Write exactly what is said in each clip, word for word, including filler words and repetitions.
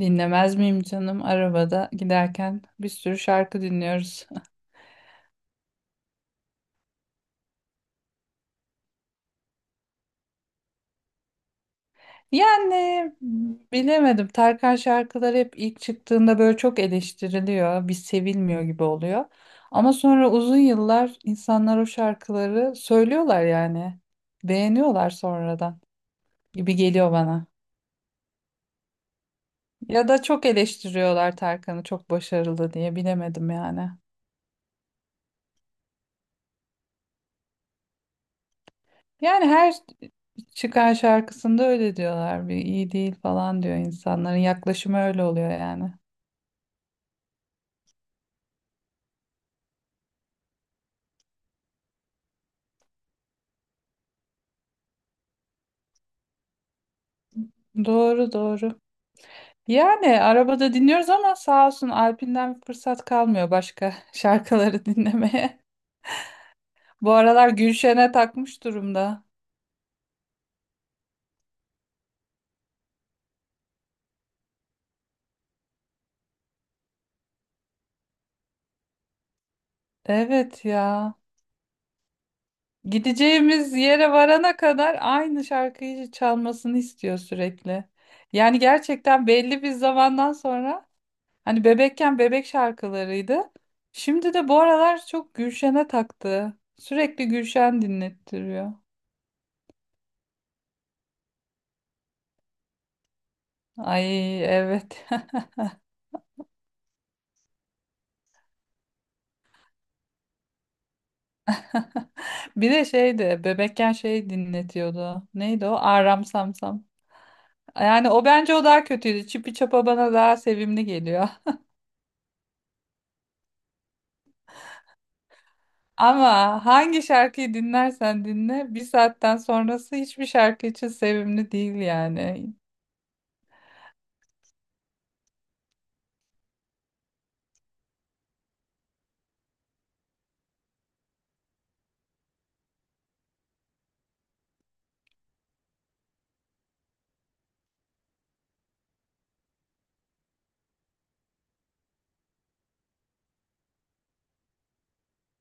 Dinlemez miyim canım? Arabada giderken bir sürü şarkı dinliyoruz. Yani bilemedim. Tarkan şarkıları hep ilk çıktığında böyle çok eleştiriliyor. Bir sevilmiyor gibi oluyor. Ama sonra uzun yıllar insanlar o şarkıları söylüyorlar yani. Beğeniyorlar sonradan gibi geliyor bana. Ya da çok eleştiriyorlar Tarkan'ı çok başarılı diye bilemedim yani. Yani her Çıkan şarkısında öyle diyorlar bir iyi değil falan diyor insanların yaklaşımı öyle oluyor yani. Doğru doğru. Yani arabada dinliyoruz ama sağ olsun Alp'inden bir fırsat kalmıyor başka şarkıları dinlemeye. Bu aralar Gülşen'e takmış durumda. Evet ya. Gideceğimiz yere varana kadar aynı şarkıyı çalmasını istiyor sürekli. Yani gerçekten belli bir zamandan sonra hani bebekken bebek şarkılarıydı. Şimdi de bu aralar çok Gülşen'e taktı. Sürekli Gülşen dinlettiriyor. Ay evet. Bir de şeydi bebekken şey dinletiyordu. Neydi o? Aram Samsam. Yani o bence o daha kötüydü. Çipi Çapa bana daha sevimli geliyor. Ama hangi şarkıyı dinlersen dinle bir saatten sonrası hiçbir şarkı için sevimli değil yani.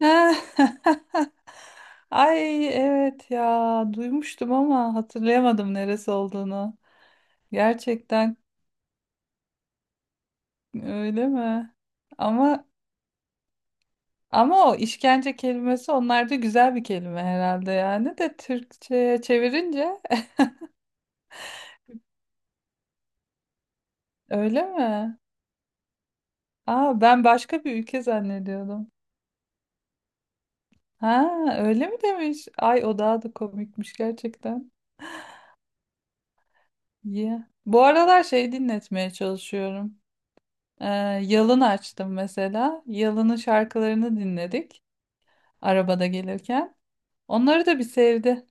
Ay evet ya duymuştum ama hatırlayamadım neresi olduğunu. Gerçekten öyle mi? Ama ama o işkence kelimesi onlarda güzel bir kelime herhalde yani de Türkçe'ye çevirince öyle mi? Aa ben başka bir ülke zannediyordum. Ha öyle mi demiş? Ay o daha da komikmiş gerçekten. Yeah. Bu aralar şey dinletmeye çalışıyorum. Ee, Yalın açtım mesela. Yalın'ın şarkılarını dinledik arabada gelirken. Onları da bir sevdi.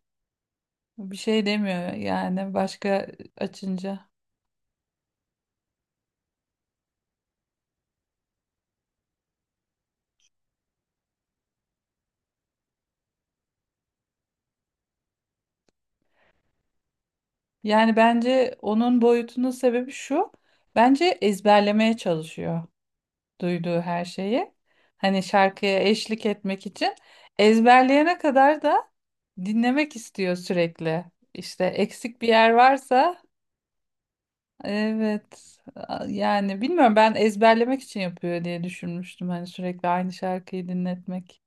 Bir şey demiyor yani başka açınca. Yani bence onun boyutunun sebebi şu. Bence ezberlemeye çalışıyor duyduğu her şeyi. Hani şarkıya eşlik etmek için ezberleyene kadar da dinlemek istiyor sürekli. İşte eksik bir yer varsa evet. A- Yani bilmiyorum ben ezberlemek için yapıyor diye düşünmüştüm. Hani sürekli aynı şarkıyı dinletmek.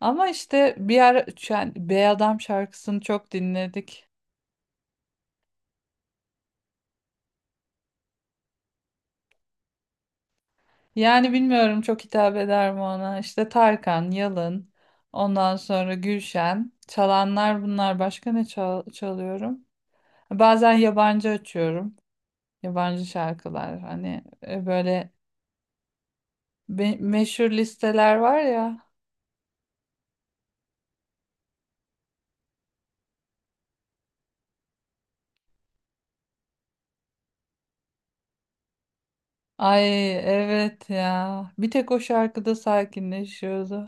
Ama işte bir ara yani Bey Adam şarkısını çok dinledik. Yani bilmiyorum çok hitap eder mi ona. İşte Tarkan, Yalın, ondan sonra Gülşen. Çalanlar bunlar. Başka ne çal- çalıyorum? Bazen yabancı açıyorum. Yabancı şarkılar. Hani e, böyle be- meşhur listeler var ya. Ay evet ya. Bir tek o şarkıda sakinleşiyordu.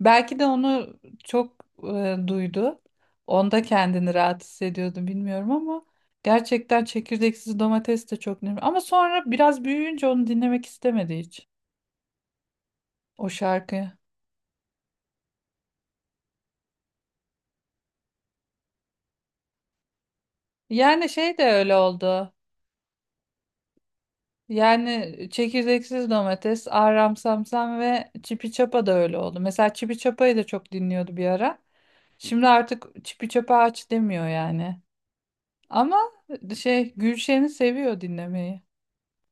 Belki de onu çok e, duydu. Onda kendini rahat hissediyordu bilmiyorum ama gerçekten çekirdeksiz domates de çok önemli. Ama sonra biraz büyüyünce onu dinlemek istemedi hiç o şarkıyı. Yani şey de öyle oldu. Yani çekirdeksiz domates, Ahram Samsam ve Çipi Çapa da öyle oldu. Mesela Çipi Çapa'yı da çok dinliyordu bir ara. Şimdi artık Çipi Çapa aç demiyor yani. Ama şey Gülşen'i seviyor dinlemeyi.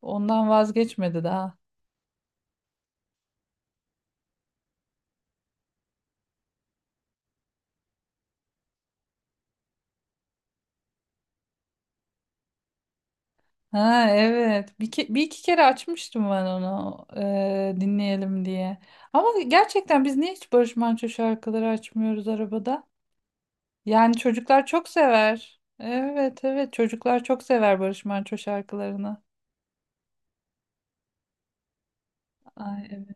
Ondan vazgeçmedi daha. Ha evet. Bir, ke- bir iki kere açmıştım ben onu e, dinleyelim diye. Ama gerçekten biz niye hiç Barış Manço şarkıları açmıyoruz arabada? Yani çocuklar çok sever. Evet, evet, çocuklar çok sever Barış Manço şarkılarını. Ay evet.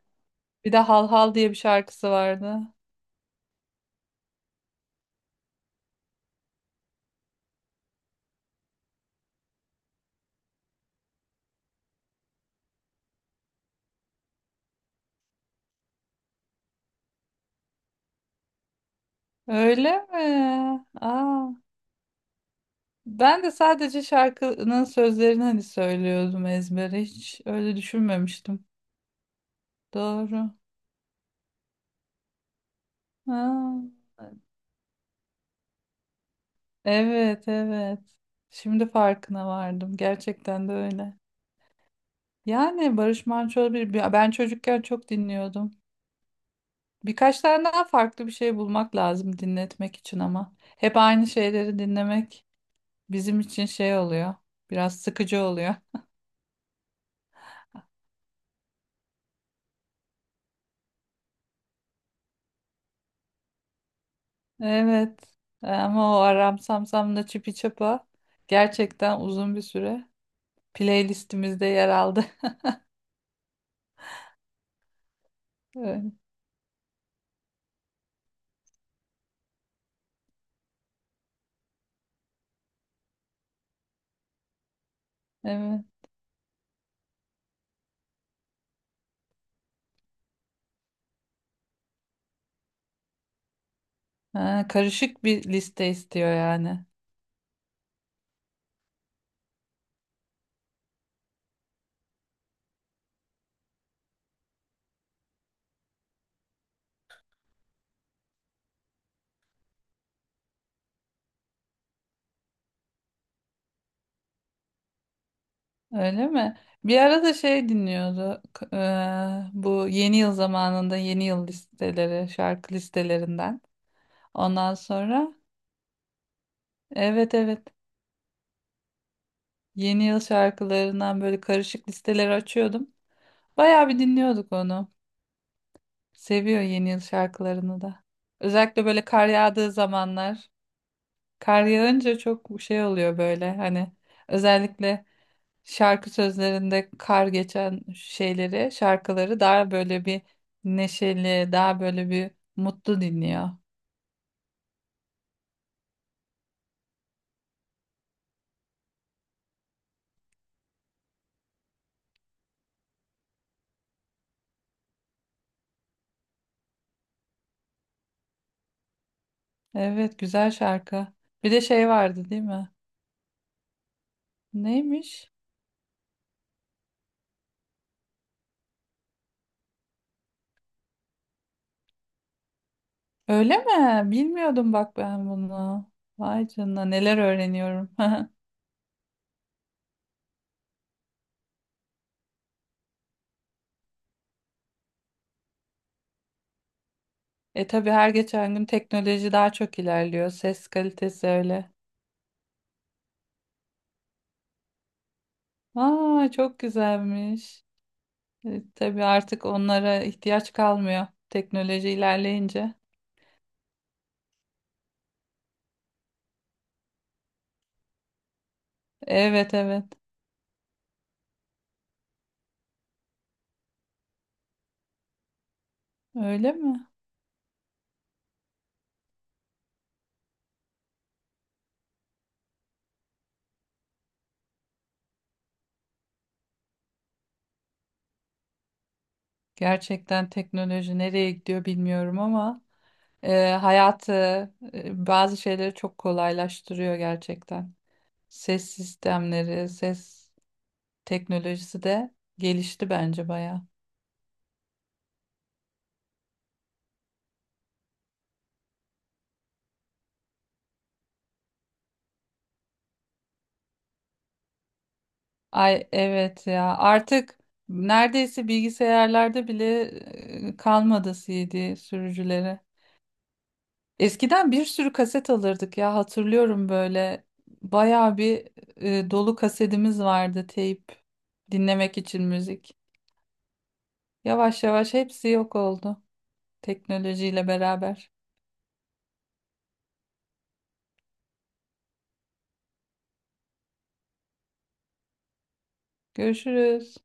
Bir de Hal Hal diye bir şarkısı vardı. Öyle mi? Aa. Ben de sadece şarkının sözlerini hani söylüyordum ezbere. Hiç öyle düşünmemiştim. Doğru. Ha, evet, evet. Şimdi farkına vardım. Gerçekten de öyle. Yani Barış Manço bir bir- ben çocukken çok dinliyordum. Birkaç tane daha farklı bir şey bulmak lazım dinletmek için ama. Hep aynı şeyleri dinlemek bizim için şey oluyor. Biraz sıkıcı oluyor. Evet. E, Ama o Aram Sam Sam'la Çipi Çapa gerçekten uzun bir süre playlistimizde yer aldı. Evet. Evet. Ha, karışık bir liste istiyor yani. Öyle mi? Bir ara da şey dinliyordu. K- eee, bu yeni yıl zamanında yeni yıl listeleri, şarkı listelerinden. Ondan sonra, evet, evet, yeni yıl şarkılarından böyle karışık listeleri açıyordum. Bayağı bir dinliyorduk onu. Seviyor yeni yıl şarkılarını da. Özellikle böyle kar yağdığı zamanlar. Kar yağınca çok şey oluyor böyle hani özellikle şarkı sözlerinde kar geçen şeyleri, şarkıları daha böyle bir neşeli, daha böyle bir mutlu dinliyor. Evet, güzel şarkı. Bir de şey vardı değil mi? Neymiş? Öyle mi? Bilmiyordum bak ben bunu. Vay canına neler öğreniyorum. E, tabii her geçen gün teknoloji daha çok ilerliyor. Ses kalitesi öyle. Aa çok güzelmiş. E, tabii artık onlara ihtiyaç kalmıyor teknoloji ilerleyince. Evet, evet. Öyle mi? Gerçekten teknoloji nereye gidiyor bilmiyorum ama e, hayatı e, bazı şeyleri çok kolaylaştırıyor gerçekten. Ses sistemleri, ses teknolojisi de gelişti bence bayağı. Ay evet ya artık neredeyse bilgisayarlarda bile e, kalmadı C D sürücüleri. Eskiden bir sürü kaset alırdık ya hatırlıyorum böyle bayağı bir e, dolu kasetimiz vardı teyp dinlemek için müzik. Yavaş yavaş hepsi yok oldu teknolojiyle beraber. Görüşürüz.